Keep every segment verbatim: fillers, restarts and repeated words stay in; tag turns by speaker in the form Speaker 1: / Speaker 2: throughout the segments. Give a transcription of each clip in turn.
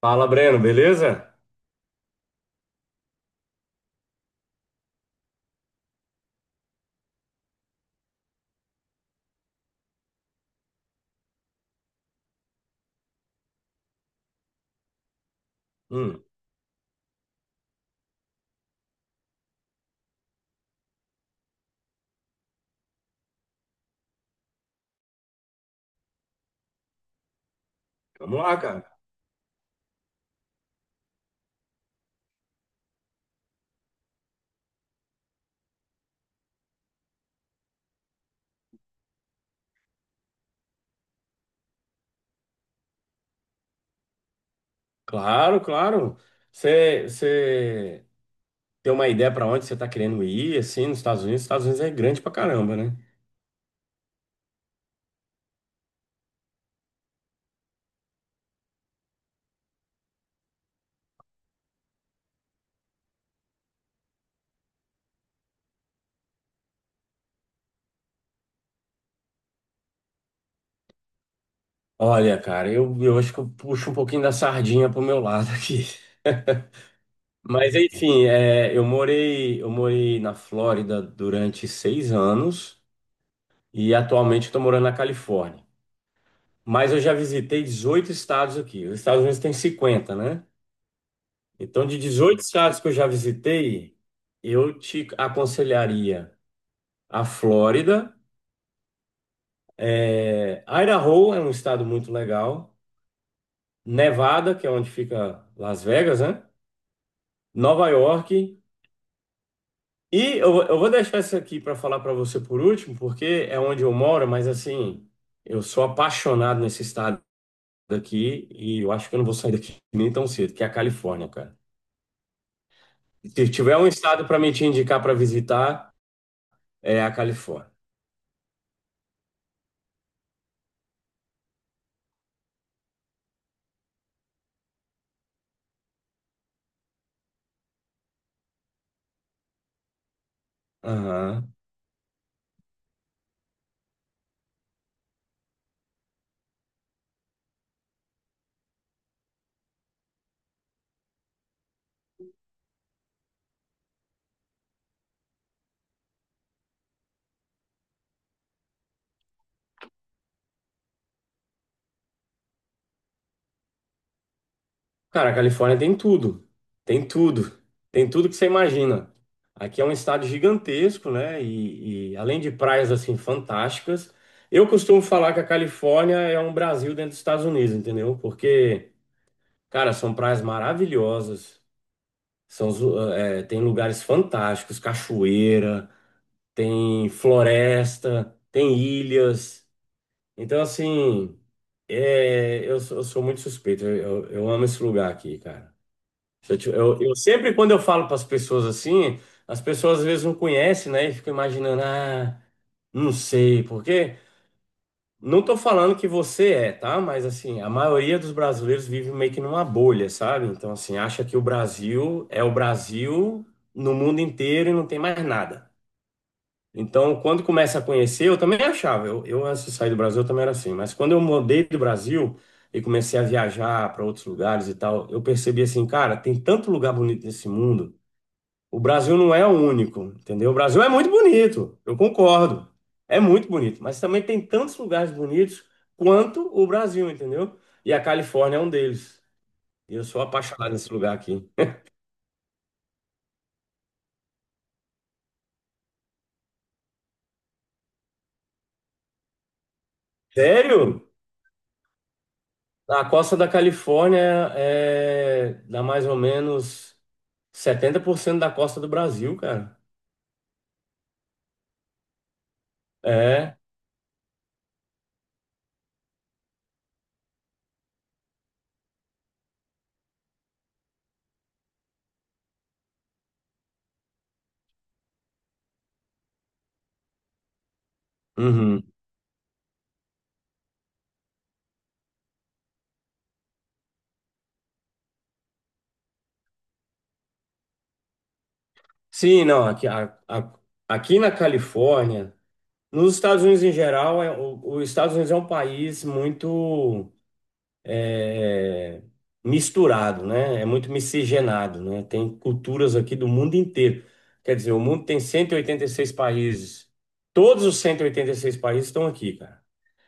Speaker 1: Fala, Breno, beleza? Hum, Vamos lá, cara. Claro, claro. Você você tem uma ideia para onde você tá querendo ir, assim, nos Estados Unidos? Os Estados Unidos é grande pra caramba, né? Olha, cara, eu, eu acho que eu puxo um pouquinho da sardinha pro meu lado aqui. Mas, enfim, é, eu morei, eu morei na Flórida durante seis anos e atualmente estou morando na Califórnia. Mas eu já visitei dezoito estados aqui. Os Estados Unidos tem cinquenta, né? Então, de dezoito estados que eu já visitei, eu te aconselharia a Flórida. É, Idaho é um estado muito legal. Nevada, que é onde fica Las Vegas, né? Nova York. E eu, eu vou deixar isso aqui para falar para você por último, porque é onde eu moro, mas assim, eu sou apaixonado nesse estado daqui e eu acho que eu não vou sair daqui nem tão cedo, que é a Califórnia, cara. Se tiver um estado para me te indicar para visitar, é a Califórnia. Aham. Cara, a Califórnia tem tudo. Tem tudo. Tem tudo que você imagina. Aqui é um estado gigantesco, né? E, e além de praias assim fantásticas, eu costumo falar que a Califórnia é um Brasil dentro dos Estados Unidos, entendeu? Porque, cara, são praias maravilhosas. São, zo- é, tem lugares fantásticos, cachoeira, tem floresta, tem ilhas. Então, assim, é, eu, sou eu sou muito suspeito. eu eu- eu amo esse lugar aqui, cara. Eu, te- eu- eu sempre, quando eu falo para as pessoas assim, as pessoas às vezes não conhecem, né? E ficam imaginando, ah, não sei por quê. Não tô falando que você é, tá? Mas assim, a maioria dos brasileiros vive meio que numa bolha, sabe? Então, assim, acha que o Brasil é o Brasil no mundo inteiro e não tem mais nada. Então, quando começa a conhecer, eu também achava. Eu, eu antes de sair do Brasil, eu também era assim. Mas quando eu mudei do Brasil e comecei a viajar para outros lugares e tal, eu percebi assim, cara, tem tanto lugar bonito nesse mundo. O Brasil não é o único, entendeu? O Brasil é muito bonito, eu concordo. É muito bonito, mas também tem tantos lugares bonitos quanto o Brasil, entendeu? E a Califórnia é um deles. E eu sou apaixonado nesse lugar aqui. Sério? A costa da Califórnia é dá mais ou menos setenta por cento da costa do Brasil, cara. É. Uhum. Sim, não, aqui, a- a- aqui na Califórnia, nos Estados Unidos em geral, é- o- os Estados Unidos é um país muito é, misturado, né? É muito miscigenado, né? Tem culturas aqui do mundo inteiro. Quer dizer, o mundo tem cento e oitenta e seis países. Todos os cento e oitenta e seis países estão aqui, cara.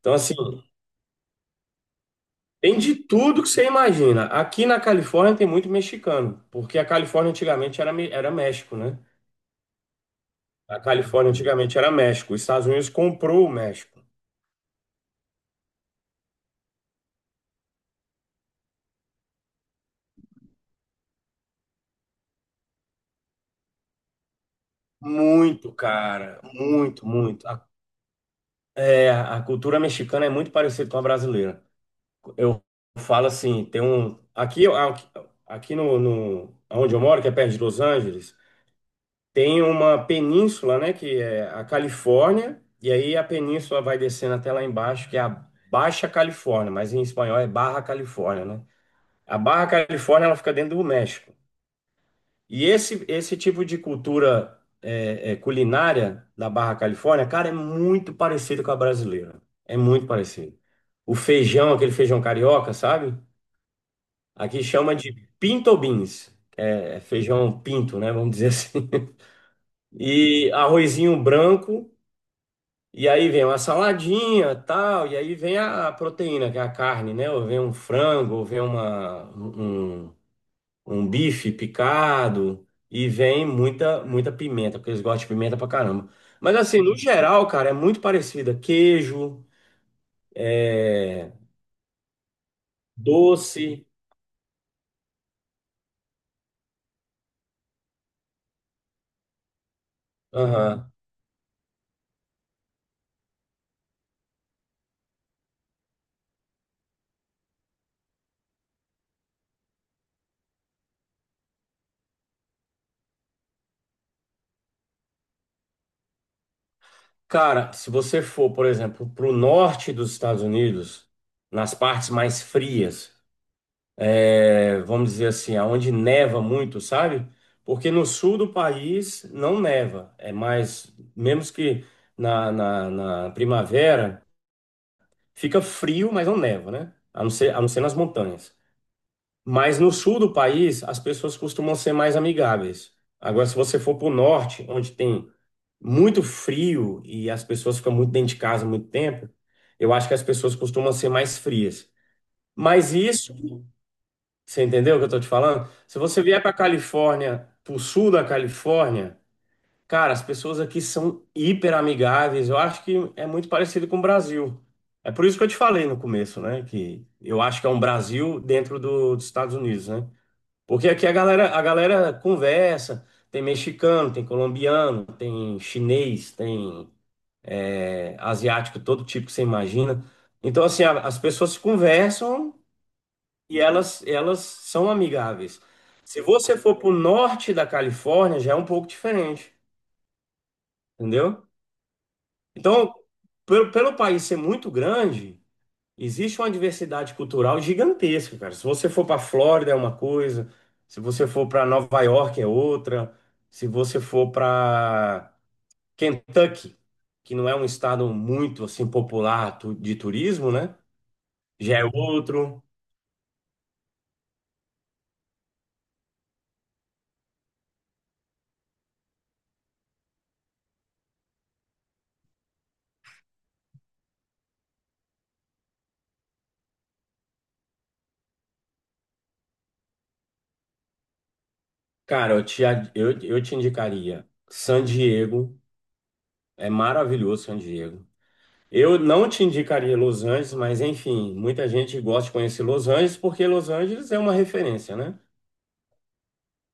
Speaker 1: Então, assim, tem de tudo que você imagina. Aqui na Califórnia tem muito mexicano, porque a Califórnia antigamente era, Me- era México, né? A Califórnia antigamente era México. Os Estados Unidos comprou o México. Muito, cara. Muito, muito. A, terra- a cultura mexicana é muito parecida com a brasileira. Eu falo assim, tem um aqui aqui no, no onde eu moro, que é perto de Los Angeles, tem uma península, né, que é a Califórnia, e aí a península vai descendo até lá embaixo, que é a Baixa Califórnia, mas em espanhol é Barra Califórnia, né? A Barra Califórnia ela fica dentro do México. E esse esse tipo de cultura é, é, culinária da Barra Califórnia, cara, é muito parecido com a brasileira. É muito parecido. O feijão, aquele feijão carioca, sabe? Aqui chama de pinto beans, é feijão pinto, né? Vamos dizer assim. E arrozinho branco, e aí vem uma saladinha, tal, e aí vem a proteína, que é a carne, né? Ou vem um frango, ou vem uma, um, um bife picado, e vem muita, muita pimenta, porque eles gostam de pimenta pra caramba. Mas assim, no geral, cara, é muito parecida. Queijo, é, doce, aham. Cara, se você for, por exemplo, para o norte dos Estados Unidos, nas partes mais frias, é, vamos dizer assim, aonde neva muito, sabe? Porque no sul do país não neva, é mais, menos que na, na, na primavera, fica frio, mas não neva, né? A não ser, a não ser nas montanhas. Mas no sul do país, as pessoas costumam ser mais amigáveis. Agora, se você for para o norte, onde tem muito frio e as pessoas ficam muito dentro de casa muito tempo, eu acho que as pessoas costumam ser mais frias. Mas isso, você entendeu o que eu tô te falando? Se você vier para Califórnia, pro sul da Califórnia, cara, as pessoas aqui são hiper amigáveis. Eu acho que é muito parecido com o Brasil. É por isso que eu te falei no começo, né? Que eu acho que é um Brasil dentro do- dos Estados Unidos, né? Porque aqui a galera, a galera conversa, tem mexicano, tem colombiano, tem chinês, tem asiático, todo tipo que você imagina. Então, assim, a- as pessoas se conversam e elas, elas são amigáveis. Se você for para o norte da Califórnia, já é um pouco diferente, entendeu? Então, pelo, pelo país ser muito grande, existe uma diversidade cultural gigantesca, cara. Se você for para Flórida é uma coisa, se você for para Nova York é outra, se você for para Kentucky, que não é um estado muito assim popular tu- de turismo, né? Já é outro. Cara, eu te, ad- eu, eu te indicaria San Diego. É maravilhoso San Diego. Eu não te indicaria Los Angeles, mas enfim, muita gente gosta de conhecer Los Angeles porque Los Angeles é uma referência, né?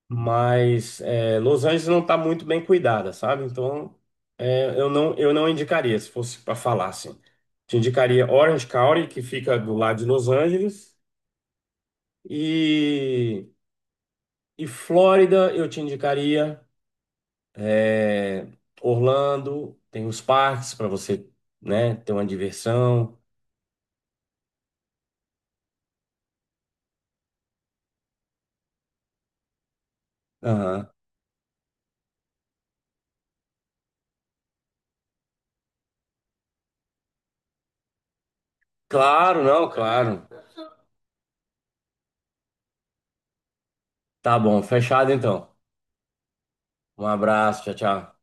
Speaker 1: Mas é, Los Angeles não está muito bem cuidada, sabe? Então é, eu não, eu não indicaria, se fosse para falar assim. Te indicaria Orange County, que fica do lado de Los Angeles, e, e Flórida eu te indicaria. É, Orlando, tem os parques para você, né, ter uma diversão. Aham. Claro, não, claro. Tá bom, fechado então. Um abraço, tchau, tchau.